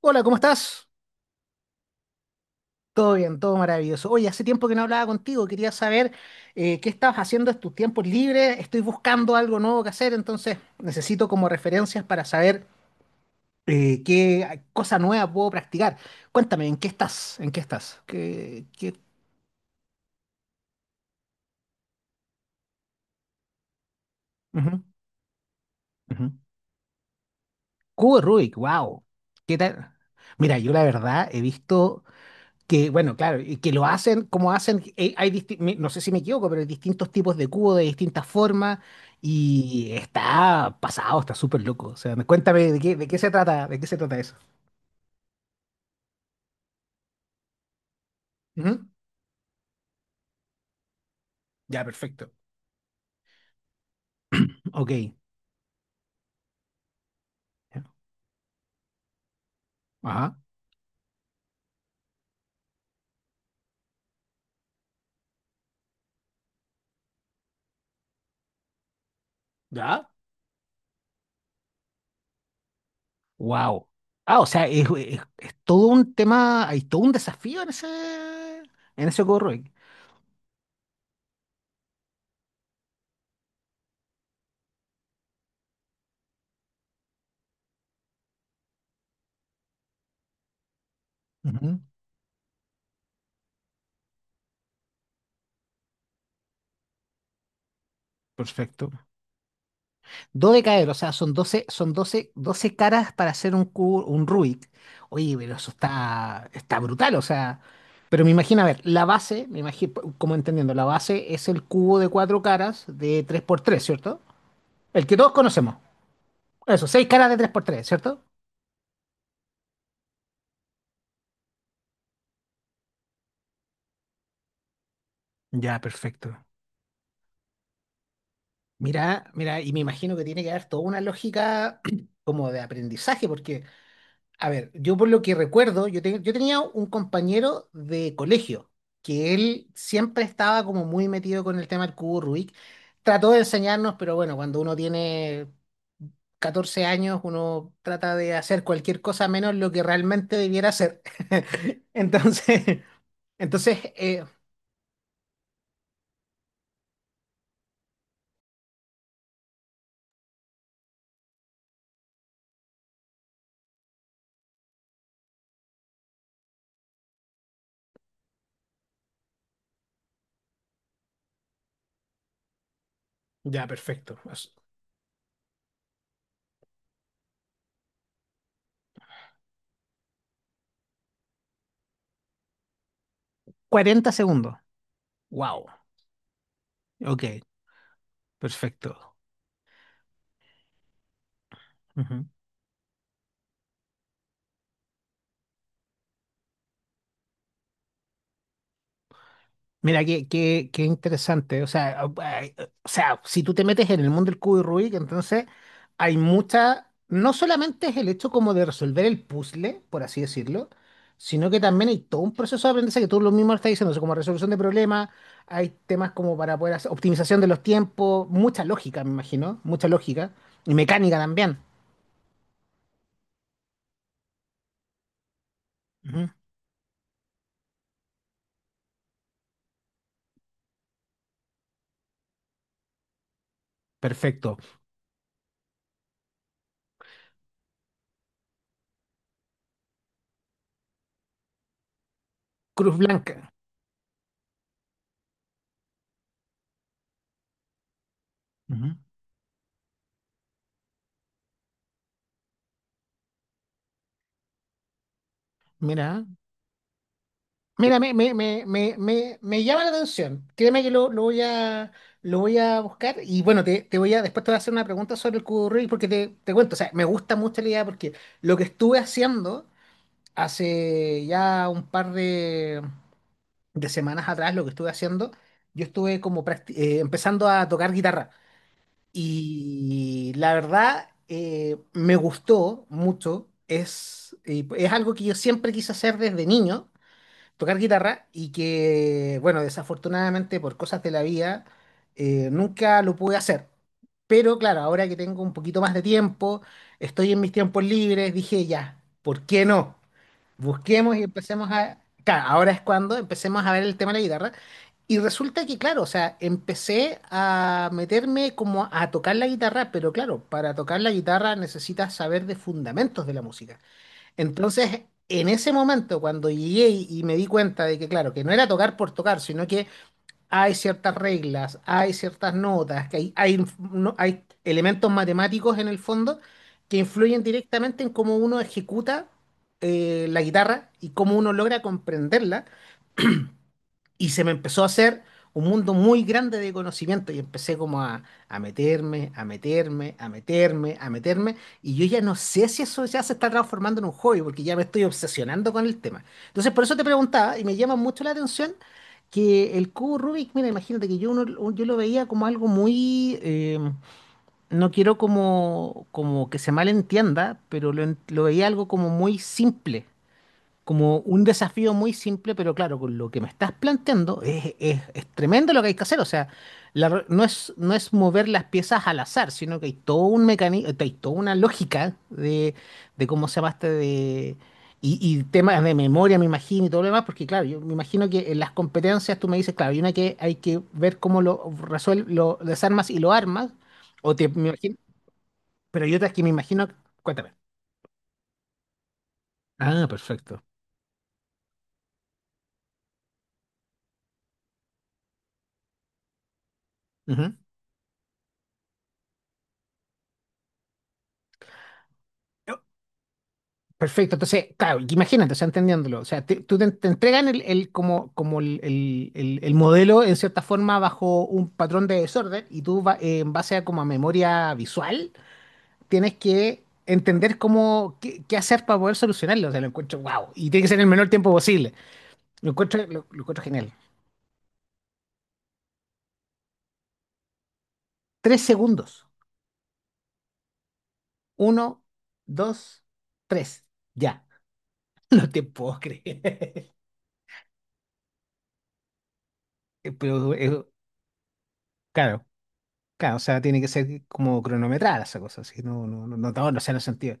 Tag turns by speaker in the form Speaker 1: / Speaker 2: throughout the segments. Speaker 1: Hola, ¿cómo estás? Todo bien, todo maravilloso. Oye, hace tiempo que no hablaba contigo, quería saber qué estabas haciendo en tus tiempos libres. Estoy buscando algo nuevo que hacer, entonces necesito como referencias para saber qué cosa nueva puedo practicar. Cuéntame, ¿en qué estás? ¿En qué estás? ¿Qué, qué? Ujú, ujú. Cubo de Rubik, wow. ¿Qué tal? Mira, yo la verdad he visto. Que bueno, claro, y que lo hacen como hacen, hay no sé si me equivoco, pero hay distintos tipos de cubo de distintas formas y está pasado, está súper loco. O sea, cuéntame de qué se trata, de qué se trata eso. Ujú. Ya, perfecto. Ok. Ajá. Ya. Wow. Ah, o sea, es todo un tema, hay todo un desafío en ese Go Roy. Ujú. Perfecto. Dodecaedro, o sea, son 12, 12 caras para hacer un cubo, un Rubik. Oye, pero eso está, está brutal, o sea. Pero me imagino, a ver, la base, me imagino, como entendiendo, la base es el cubo de cuatro caras de tres por tres, cierto. El que todos conocemos. Eso, seis caras de tres por tres, cierto. Ya, perfecto. Mira, mira, y me imagino que tiene que haber toda una lógica como de aprendizaje, porque a ver, yo por lo que recuerdo, yo tenía un compañero de colegio que él siempre estaba como muy metido con el tema del cubo Rubik. Trató de enseñarnos, pero bueno, cuando uno tiene 14 años, uno trata de hacer cualquier cosa menos lo que realmente debiera hacer. Entonces, entonces, ya, perfecto. 40 segundos. Wow. Ok, perfecto. Mira, qué interesante. O sea, ah, ah, o sea, si tú te metes en el mundo del cubo de Rubik, entonces hay mucha. No solamente es el hecho como de resolver el puzzle, por así decirlo, sino que también hay todo un proceso de aprendizaje que tú lo mismo estás diciendo, o sea, como resolución de problemas, hay temas como para poder hacer optimización de los tiempos, mucha lógica, me imagino, mucha lógica y mecánica también. Ujú. Perfecto. Cruz blanca. Ujú. Mira. Mira, me llama la atención. Créeme que lo voy a buscar. Y bueno, te voy a, después te voy a hacer una pregunta sobre el curry, porque te cuento, o sea, me gusta mucho la idea porque lo que estuve haciendo hace ya un par de semanas atrás, lo que estuve haciendo, yo estuve como empezando a tocar guitarra. Y la verdad, me gustó mucho. Es, y es algo que yo siempre quise hacer desde niño tocar guitarra y que, bueno, desafortunadamente por cosas de la vida, nunca lo pude hacer. Pero claro, ahora que tengo un poquito más de tiempo, estoy en mis tiempos libres, dije ya, ¿por qué no? Busquemos y empecemos a... Claro, ahora es cuando empecemos a ver el tema de la guitarra. Y resulta que, claro, o sea, empecé a meterme como a tocar la guitarra, pero claro, para tocar la guitarra necesitas saber de fundamentos de la música. Entonces, en ese momento, cuando llegué y me di cuenta de que, claro, que no era tocar por tocar, sino que hay ciertas reglas, hay ciertas notas, que hay, inf- no- hay elementos matemáticos en el fondo que influyen directamente en cómo uno ejecuta la guitarra y cómo uno logra comprenderla. Y se me empezó a hacer un mundo muy grande de conocimiento y empecé como a meterme, a meterme. Y yo ya no sé si eso ya se está transformando en un hobby porque ya me estoy obsesionando con el tema. Entonces, por eso te preguntaba y me llama mucho la atención que el cubo Rubik, mira, imagínate yo lo veía como algo muy, no quiero como, como que se malentienda, pero lo veía algo como muy simple como un desafío muy simple, pero claro, con lo que me estás planteando es tremendo lo que hay que hacer. O sea, no es, no es mover las piezas al azar, sino que hay todo un mecanismo, hay toda una lógica de cómo se llamaste de. Y temas de memoria, me imagino, y todo lo demás, porque claro, yo me imagino que en las competencias tú me dices, claro, hay una que hay que ver cómo lo resuelves, lo desarmas y lo armas, o te, me imagino, pero hay otras que me imagino, cuéntame. Ah, perfecto. Ujú. Perfecto, entonces, claro, imagínate, o sea, entendiéndolo, o sea, te entregan como, el modelo en cierta forma bajo un patrón de desorden y en base a como a memoria visual tienes que entender cómo, qué hacer para poder solucionarlo, o sea, lo encuentro wow, y tiene que ser en el menor tiempo posible, lo encuentro genial. Tres segundos, uno, dos, tres, ya, no te puedo creer, pero, claro. Claro, o sea, tiene que ser como cronometrada esa cosa, así, no sea en el sentido.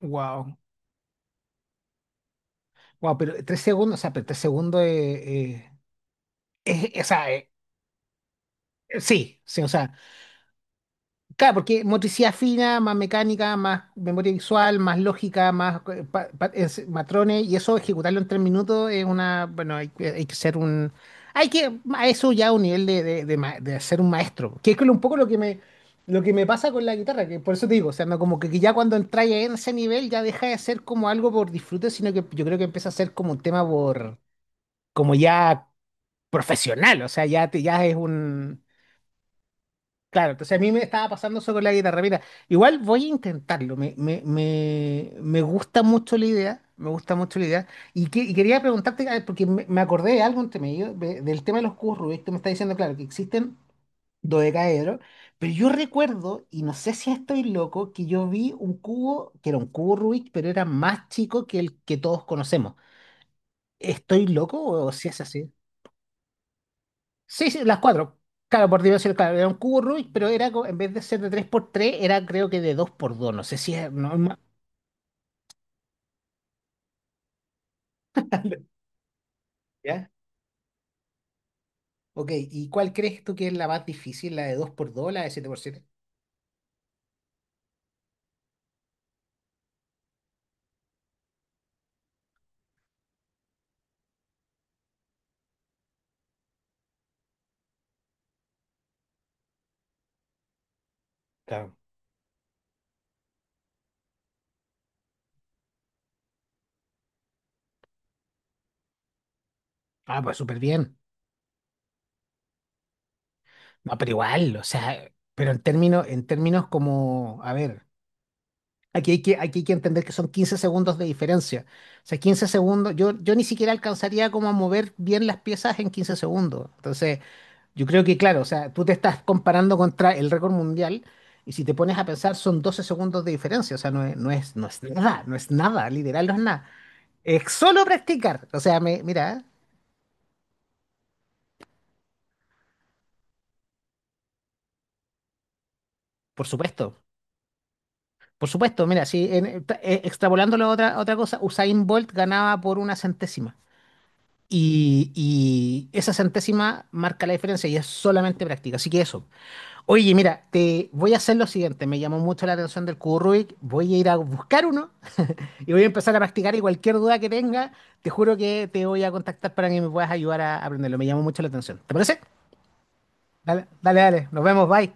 Speaker 1: Wow. Wow, pero tres segundos, o sea, pero tres segundos es, o sea, sí, sí, o sea. Claro, porque motricidad fina, más mecánica, más memoria visual, más lógica, más matrones, y eso ejecutarlo en 3 minutos es una, bueno, hay que ser un, hay que, a eso ya un nivel de, de ser un maestro, que es un poco lo que me pasa con la guitarra, que por eso te digo, o sea, no, como que ya cuando entras en ese nivel ya deja de ser como algo por disfrute, sino que yo creo que empieza a ser como un tema por, como ya profesional, o sea, ya, te, ya es un... Claro, entonces a mí me estaba pasando eso con la guitarra. Mira, igual voy a intentarlo. Me, gusta mucho la idea. Me gusta mucho la idea. Y quería preguntarte, a ver, porque me acordé de algo entre medio, del tema de los cubos Rubik. Tú me estás diciendo, claro, que existen dodecaedros, pero yo recuerdo, y no sé si estoy loco, que yo vi un cubo, que era un cubo Rubik, pero era más chico que el que todos conocemos. ¿Estoy loco o si es así? Sí, sí, las cuatro. Claro, por dimensiones, claro, era un cubo Rubik, pero en vez de ser de tres por tres era creo que de dos por dos. No sé si es normal. ¿Ya? Ok, ¿y cuál crees tú que es la más difícil? ¿La de dos por dos o la de siete por siete? Claro. Ah, pues súper bien. No, pero igual, o sea, pero en términos como, a ver, aquí hay que entender que son 15 segundos de diferencia. O sea, 15 segundos, yo ni siquiera alcanzaría como a mover bien las piezas en 15 segundos. Entonces, yo creo que, claro, o sea, tú te estás comparando contra el récord mundial y si te pones a pensar son 12 segundos de diferencia, o sea, no es, no es nada, no es nada, literal no es nada. Es solo practicar, o sea, me, mira, ¿eh? Por supuesto, por supuesto, mira, si en- tra- extrapolándolo a otra cosa, Usain Bolt ganaba por una centésima y esa centésima marca la diferencia y es solamente práctica, así que eso. Oye, mira, te voy a hacer lo siguiente, me llamó mucho la atención del cubo Rubik, voy a ir a buscar uno. Y voy a empezar a practicar y cualquier duda que tenga, te juro que te voy a contactar para que me puedas ayudar a aprenderlo. Me llamó mucho la atención. ¿Te parece? Dale, dale, dale. Nos vemos. Bye.